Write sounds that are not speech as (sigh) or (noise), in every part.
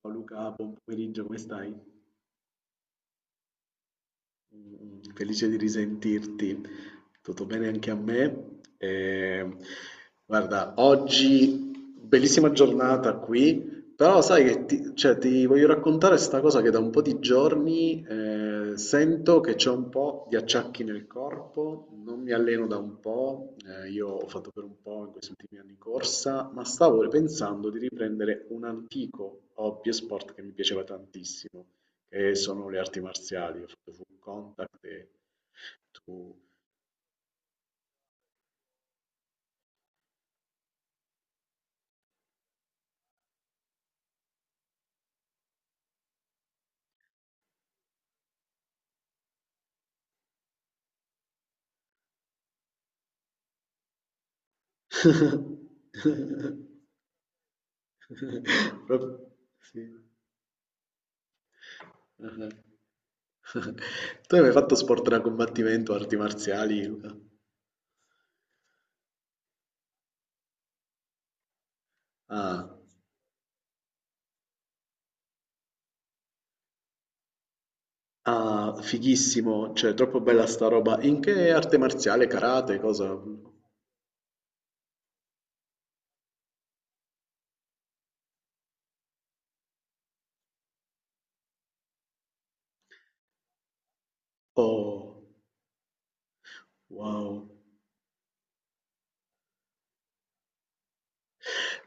Ciao Luca, buon pomeriggio, come stai? Mm, felice di risentirti. Tutto bene anche a me. Guarda, oggi bellissima giornata qui, però sai che ti voglio raccontare sta cosa che da un po' di giorni sento che c'è un po' di acciacchi nel corpo, non mi alleno da un po', io ho fatto per un po' in questi ultimi anni corsa, ma stavo pensando di riprendere un antico hobby e sport che mi piaceva tantissimo che sono le arti marziali. Ho fatto full contact e tu... (laughs) Sì. Ah, eh. (laughs) Tu hai mai fatto sport da combattimento, arti marziali, Luca? Ah, ah, fighissimo, cioè troppo bella sta roba. In che arte marziale, karate, cosa? Oh, wow.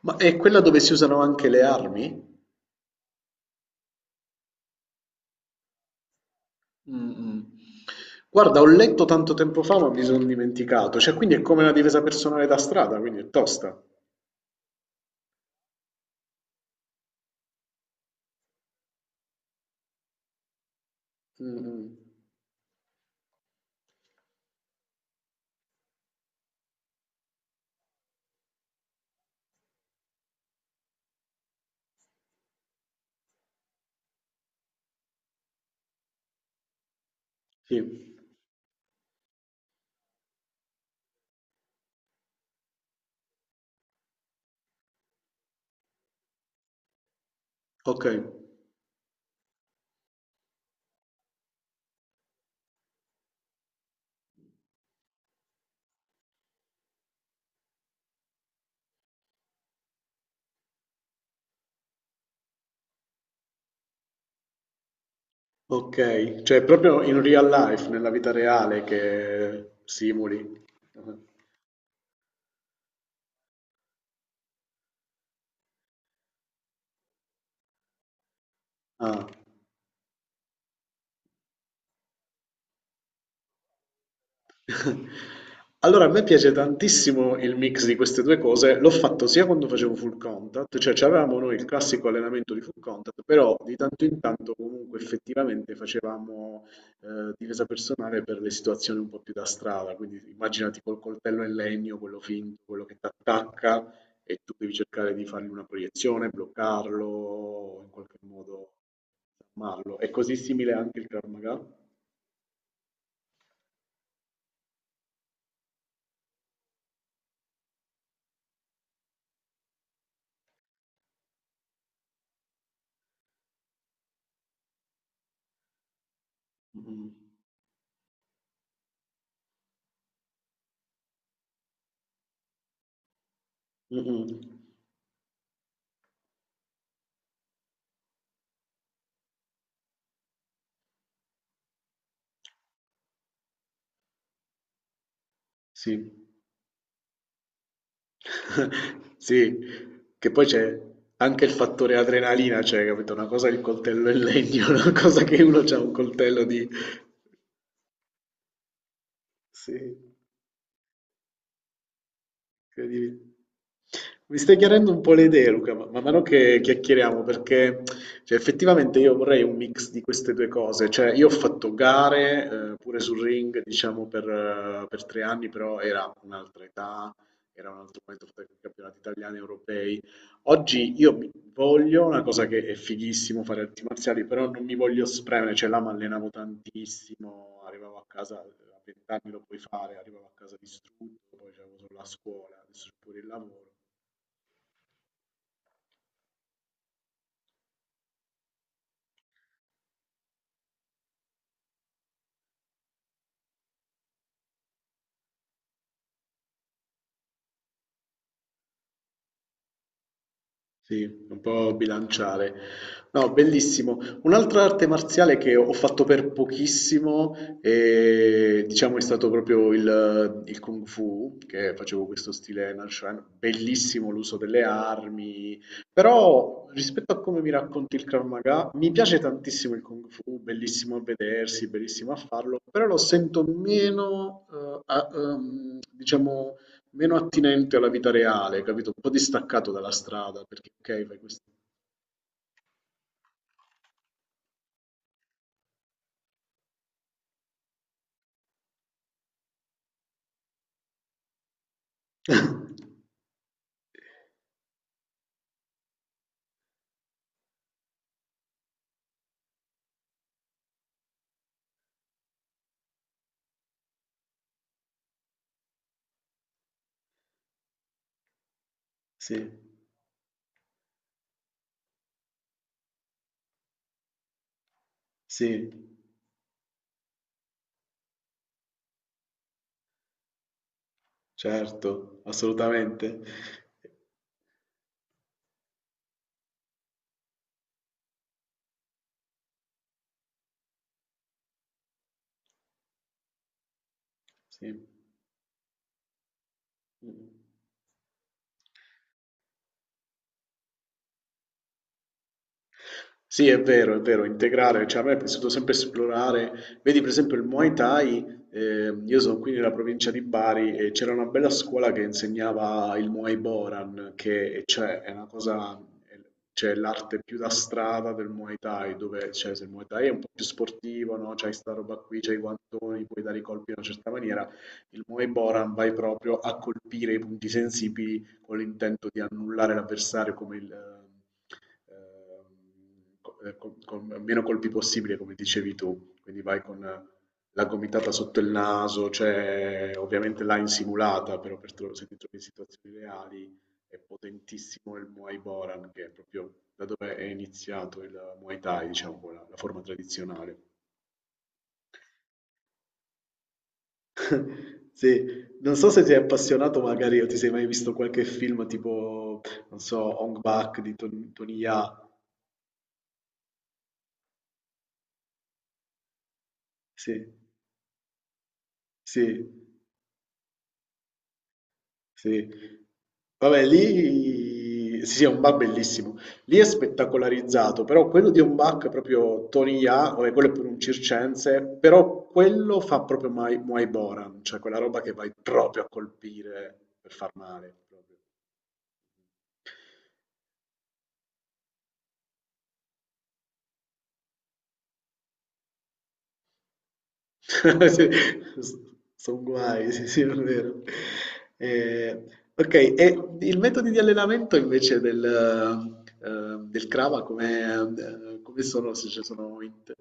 Ma è quella dove si usano anche le armi? Mm-mm. Guarda, ho letto tanto tempo fa, ma mi sono dimenticato. Cioè, quindi è come una difesa personale da strada, quindi è tosta. Mm-mm. Sì, ok, ok. Cioè, è proprio in real life, nella vita reale che simuli. Ah. Allora, a me piace tantissimo il mix di queste due cose. L'ho fatto sia quando facevo full contact, cioè avevamo noi il classico allenamento di full contact, però di tanto in tanto comunque effettivamente facevamo difesa personale per le situazioni un po' più da strada. Quindi immaginati col coltello in legno, quello finto, quello che ti attacca e tu devi cercare di fargli una proiezione, bloccarlo, o in qualche modo disarmarlo. È così simile anche il Krav Maga? Mm, mm, mm, sì. (laughs) Sì, che poi c'è anche il fattore adrenalina, cioè, capito? Una cosa è il coltello in legno, (laughs) una cosa che uno ha un coltello di... Sì, incredibile. Mi stai chiarendo un po' le idee, Luca, ma man mano che chiacchieriamo, perché cioè, effettivamente io vorrei un mix di queste due cose. Cioè, io ho fatto gare, pure sul ring, diciamo, per 3 anni, però era un'altra età, era un altro momento, ho fatto anche campionati italiani, europei. Oggi io mi voglio, una cosa che è fighissimo fare arti marziali, però non mi voglio spremere, cioè là mi allenavo tantissimo, arrivavo a casa, a 20 anni lo puoi fare, arrivavo a casa distrutto, poi c'avevo solo la scuola, adesso c'è pure il lavoro. Sì, un po' bilanciare. No, bellissimo. Un'altra arte marziale che ho fatto per pochissimo, diciamo, è stato proprio il Kung Fu, che facevo questo stile Nanshan. Bellissimo l'uso delle armi, però rispetto a come mi racconti il Krav Maga, mi piace tantissimo il Kung Fu, bellissimo a vedersi, bellissimo a farlo, però lo sento meno, diciamo meno attinente alla vita reale, capito? Un po' distaccato dalla strada, perché ok, fai questo. (laughs) Sì, sì, certo, assolutamente. Sì. Sì, è vero, integrare, cioè a me è piaciuto sempre esplorare, vedi per esempio il Muay Thai, io sono qui nella provincia di Bari e c'era una bella scuola che insegnava il Muay Boran, che e cioè, è una cosa, è- cioè l'arte più da strada del Muay Thai, dove cioè, se il Muay Thai è un po' più sportivo, no? C'hai sta roba qui, c'hai i guantoni, puoi dare i colpi in una certa maniera, il Muay Boran vai proprio a colpire i punti sensibili con l'intento di annullare l'avversario come con meno colpi possibile, come dicevi tu. Quindi vai con la gomitata sotto il naso, cioè ovviamente là in simulata, però se ti trovi in situazioni reali è potentissimo il Muay Boran, che è proprio da dove è iniziato il Muay Thai, diciamo, la forma tradizionale. (laughs) Sì, non so se ti sei appassionato magari o ti sei mai visto qualche film tipo, non so, Hong Bak di Tony Jaa. Sì, sì, sì. Vabbè, lì sì, sì, è un bar bellissimo. Lì è spettacolarizzato, però quello di un bar è proprio Tony Jaa, vabbè, quello è pure un circense, però quello fa proprio Muay Boran, cioè quella roba che vai proprio a colpire per far male. Proprio. (laughs) Sì, s son guai, sì, sì, è vero. Ehm, okay, e il metodi di allenamento invece del del Krava come come sono? Se ci sono int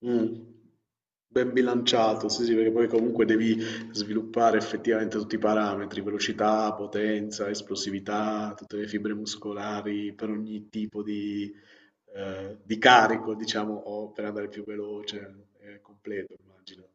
mh, ben bilanciato, sì, sì, perché poi comunque devi sviluppare effettivamente tutti i parametri, velocità, potenza, esplosività, tutte le fibre muscolari per ogni tipo di carico diciamo, o per andare più veloce, è completo immagino.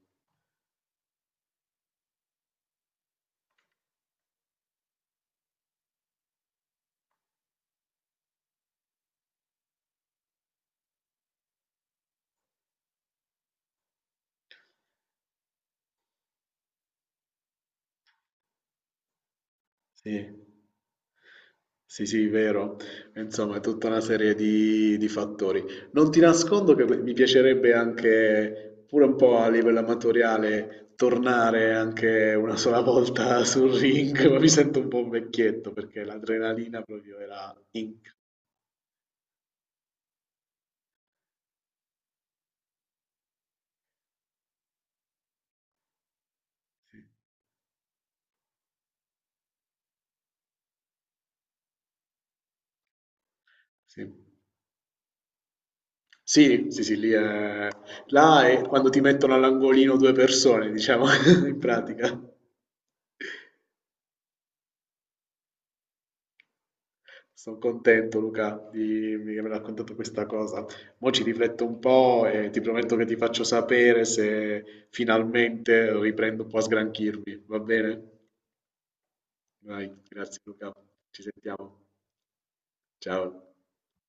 Sì. Sì, sì, vero. Insomma, è tutta una serie di fattori. Non ti nascondo che mi piacerebbe anche, pure un po' a livello amatoriale, tornare anche una sola (laughs) volta sul ring, (laughs) ma mi sento un po' un vecchietto perché l'adrenalina proprio era inc. Sì, sì, sì, sì, sì, lì è... Là è quando ti mettono all'angolino due persone, diciamo, (laughs) in pratica. Sono contento, Luca, di aver raccontato questa cosa. Mo' ci rifletto un po' e ti prometto che ti faccio sapere se finalmente riprendo un po' a sgranchirmi, va bene? Vai, grazie Luca, ci sentiamo. Ciao.